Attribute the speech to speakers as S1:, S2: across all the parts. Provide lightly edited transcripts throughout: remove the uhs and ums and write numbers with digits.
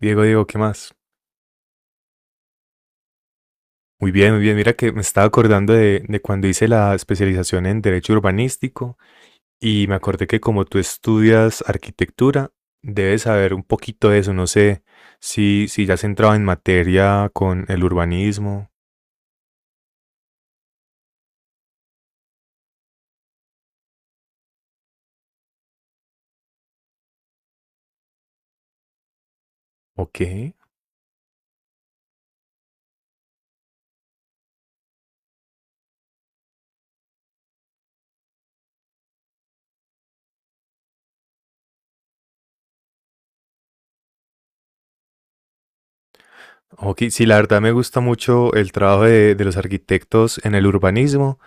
S1: Diego, Diego, ¿qué más? Muy bien, muy bien. Mira que me estaba acordando de cuando hice la especialización en Derecho Urbanístico y me acordé que como tú estudias arquitectura, debes saber un poquito de eso. No sé si ya has entrado en materia con el urbanismo o qué. Ok, sí, la verdad me gusta mucho el trabajo de los arquitectos en el urbanismo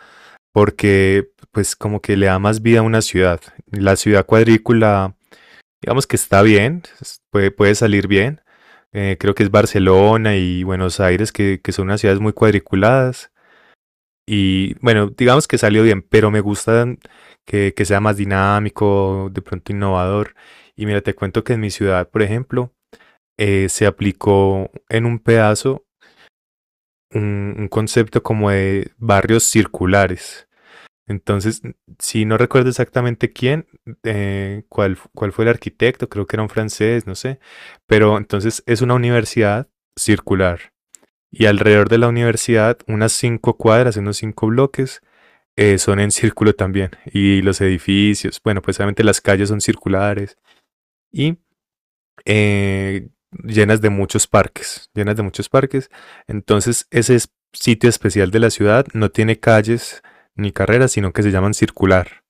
S1: porque pues como que le da más vida a una ciudad. La ciudad cuadrícula digamos que está bien, puede, puede salir bien. Creo que es Barcelona y Buenos Aires, que son unas ciudades muy cuadriculadas. Y bueno, digamos que salió bien, pero me gusta que sea más dinámico, de pronto innovador. Y mira, te cuento que en mi ciudad, por ejemplo, se aplicó en un pedazo un concepto como de barrios circulares. Entonces, si no recuerdo exactamente quién, cuál fue el arquitecto, creo que era un francés, no sé, pero entonces es una universidad circular y alrededor de la universidad unas cinco cuadras, unos cinco bloques, son en círculo también y los edificios, bueno, pues obviamente las calles son circulares y eh, llenas de muchos parques, llenas de muchos parques. Entonces, sitio especial de la ciudad no tiene calles ni carreras, sino que se llaman circular.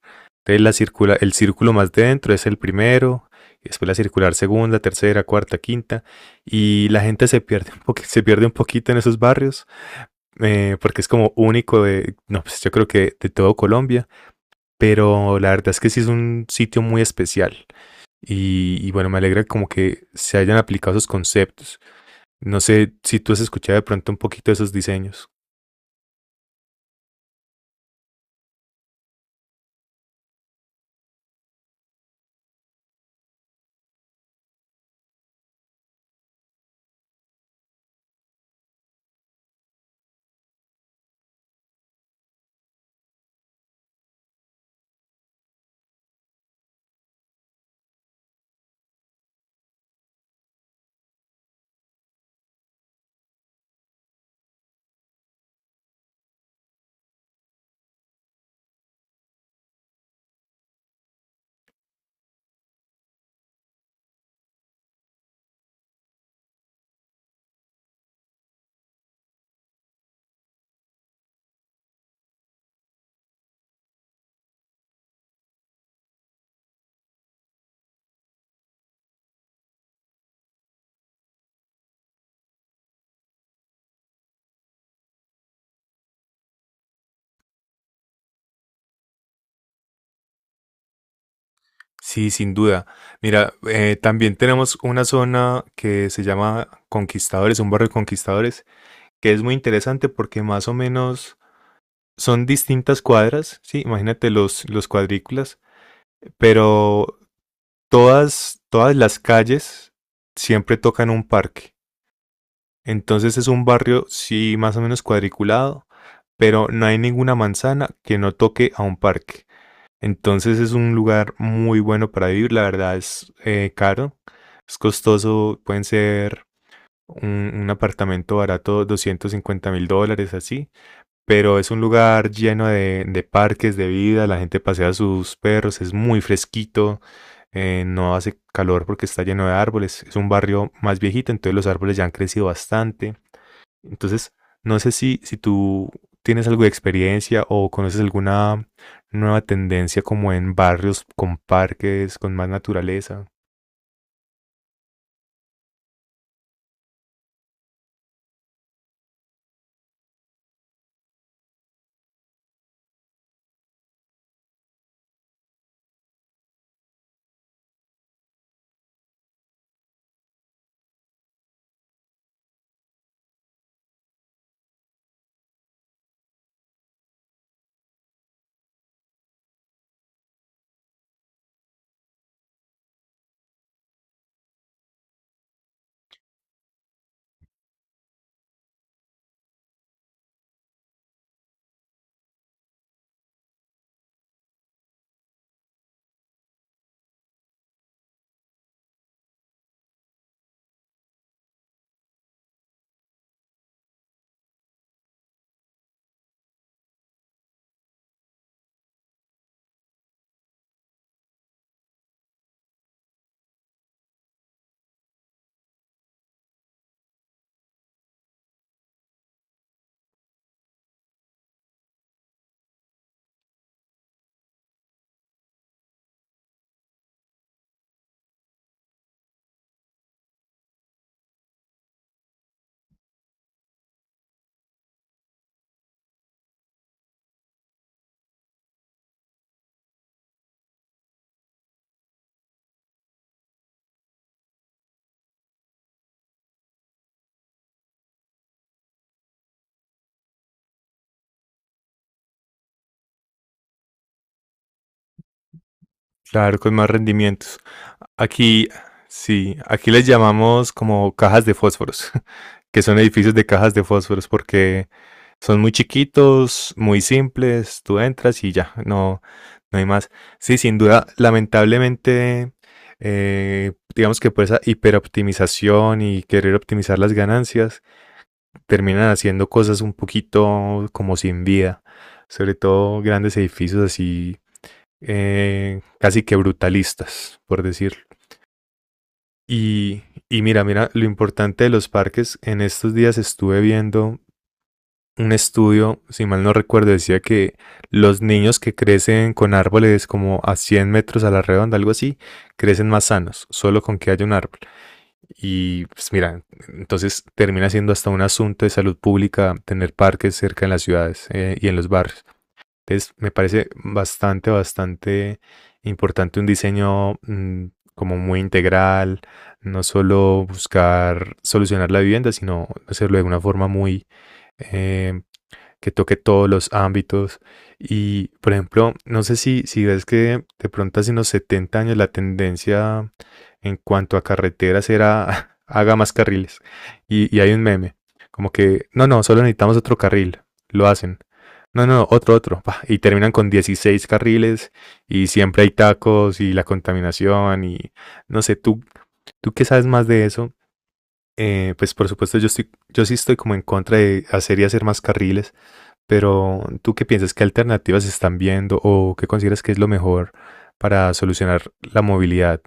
S1: Entonces la circula, el círculo más de dentro es el primero, y después la circular segunda, tercera, cuarta, quinta, y la gente se pierde se pierde un poquito en esos barrios, porque es como único de, no, pues yo creo que de todo Colombia, pero la verdad es que sí es un sitio muy especial. Y bueno, me alegra como que se hayan aplicado esos conceptos. No sé si tú has escuchado de pronto un poquito de esos diseños. Sí, sin duda. Mira, también tenemos una zona que se llama Conquistadores, un barrio de Conquistadores, que es muy interesante porque más o menos son distintas cuadras, sí, imagínate los cuadrículas, pero todas las calles siempre tocan un parque. Entonces es un barrio, sí, más o menos cuadriculado, pero no hay ninguna manzana que no toque a un parque. Entonces es un lugar muy bueno para vivir, la verdad es caro, es costoso, pueden ser un apartamento barato, $250.000 así, pero es un lugar lleno de parques, de vida, la gente pasea sus perros, es muy fresquito, no hace calor porque está lleno de árboles, es un barrio más viejito, entonces los árboles ya han crecido bastante. Entonces, no sé si tú tienes algo de experiencia o conoces alguna nueva tendencia como en barrios con parques, con más naturaleza. Claro, con más rendimientos. Aquí, sí, aquí les llamamos como cajas de fósforos. Que son edificios de cajas de fósforos porque son muy chiquitos, muy simples, tú entras y ya, no, no hay más. Sí, sin duda, lamentablemente, digamos que por esa hiperoptimización y querer optimizar las ganancias, terminan haciendo cosas un poquito como sin vida, sobre todo grandes edificios así, casi que brutalistas, por decirlo. Y, y mira, mira, lo importante de los parques, en estos días estuve viendo un estudio, si mal no recuerdo, decía que los niños que crecen con árboles como a 100 metros a la redonda, algo así, crecen más sanos, solo con que haya un árbol. Y pues mira, entonces termina siendo hasta un asunto de salud pública tener parques cerca en las ciudades y en los barrios. Entonces me parece bastante, bastante importante un diseño como muy integral, no solo buscar solucionar la vivienda, sino hacerlo de una forma muy eh, que toque todos los ámbitos. Y, por ejemplo, no sé si ves que de pronto hace unos 70 años la tendencia en cuanto a carreteras era haga más carriles. Y hay un meme, como que, no, no, solo necesitamos otro carril, lo hacen. No, no, otro. Y terminan con 16 carriles y siempre hay tacos y la contaminación y no sé, tú qué sabes más de eso, pues por supuesto yo sí estoy como en contra de hacer y hacer más carriles, pero ¿tú qué piensas? ¿Qué alternativas están viendo o qué consideras que es lo mejor para solucionar la movilidad?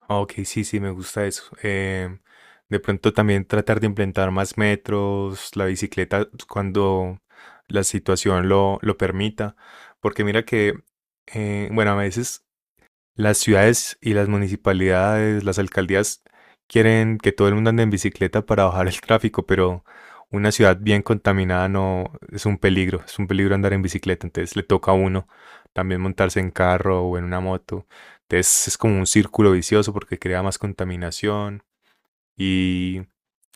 S1: Ah, ok, sí, sí, me gusta eso. De pronto también tratar de implementar más metros, la bicicleta cuando la situación lo permita. Porque mira que, bueno, a veces las ciudades y las municipalidades, las alcaldías quieren que todo el mundo ande en bicicleta para bajar el tráfico, pero una ciudad bien contaminada no es un peligro, es un peligro andar en bicicleta, entonces le toca a uno también montarse en carro o en una moto. Entonces es como un círculo vicioso porque crea más contaminación y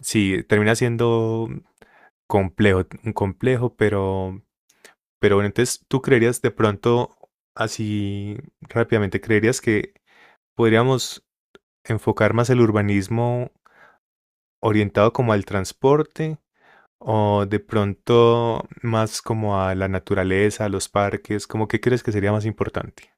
S1: sí, termina siendo complejo, un complejo, pero bueno, entonces tú creerías de pronto así rápidamente, creerías que podríamos enfocar más el urbanismo orientado como al transporte o de pronto más como a la naturaleza, a los parques, ¿cómo qué crees que sería más importante?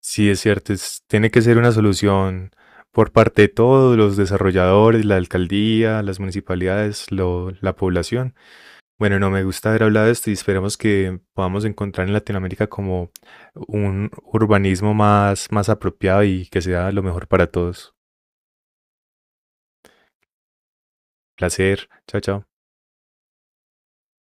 S1: Sí, es cierto, tiene que ser una solución por parte de todos los desarrolladores, la alcaldía, las municipalidades, la población. Bueno, no me gusta haber hablado de esto y esperemos que podamos encontrar en Latinoamérica como un urbanismo más, más apropiado y que sea lo mejor para todos. Placer. Chao, chao.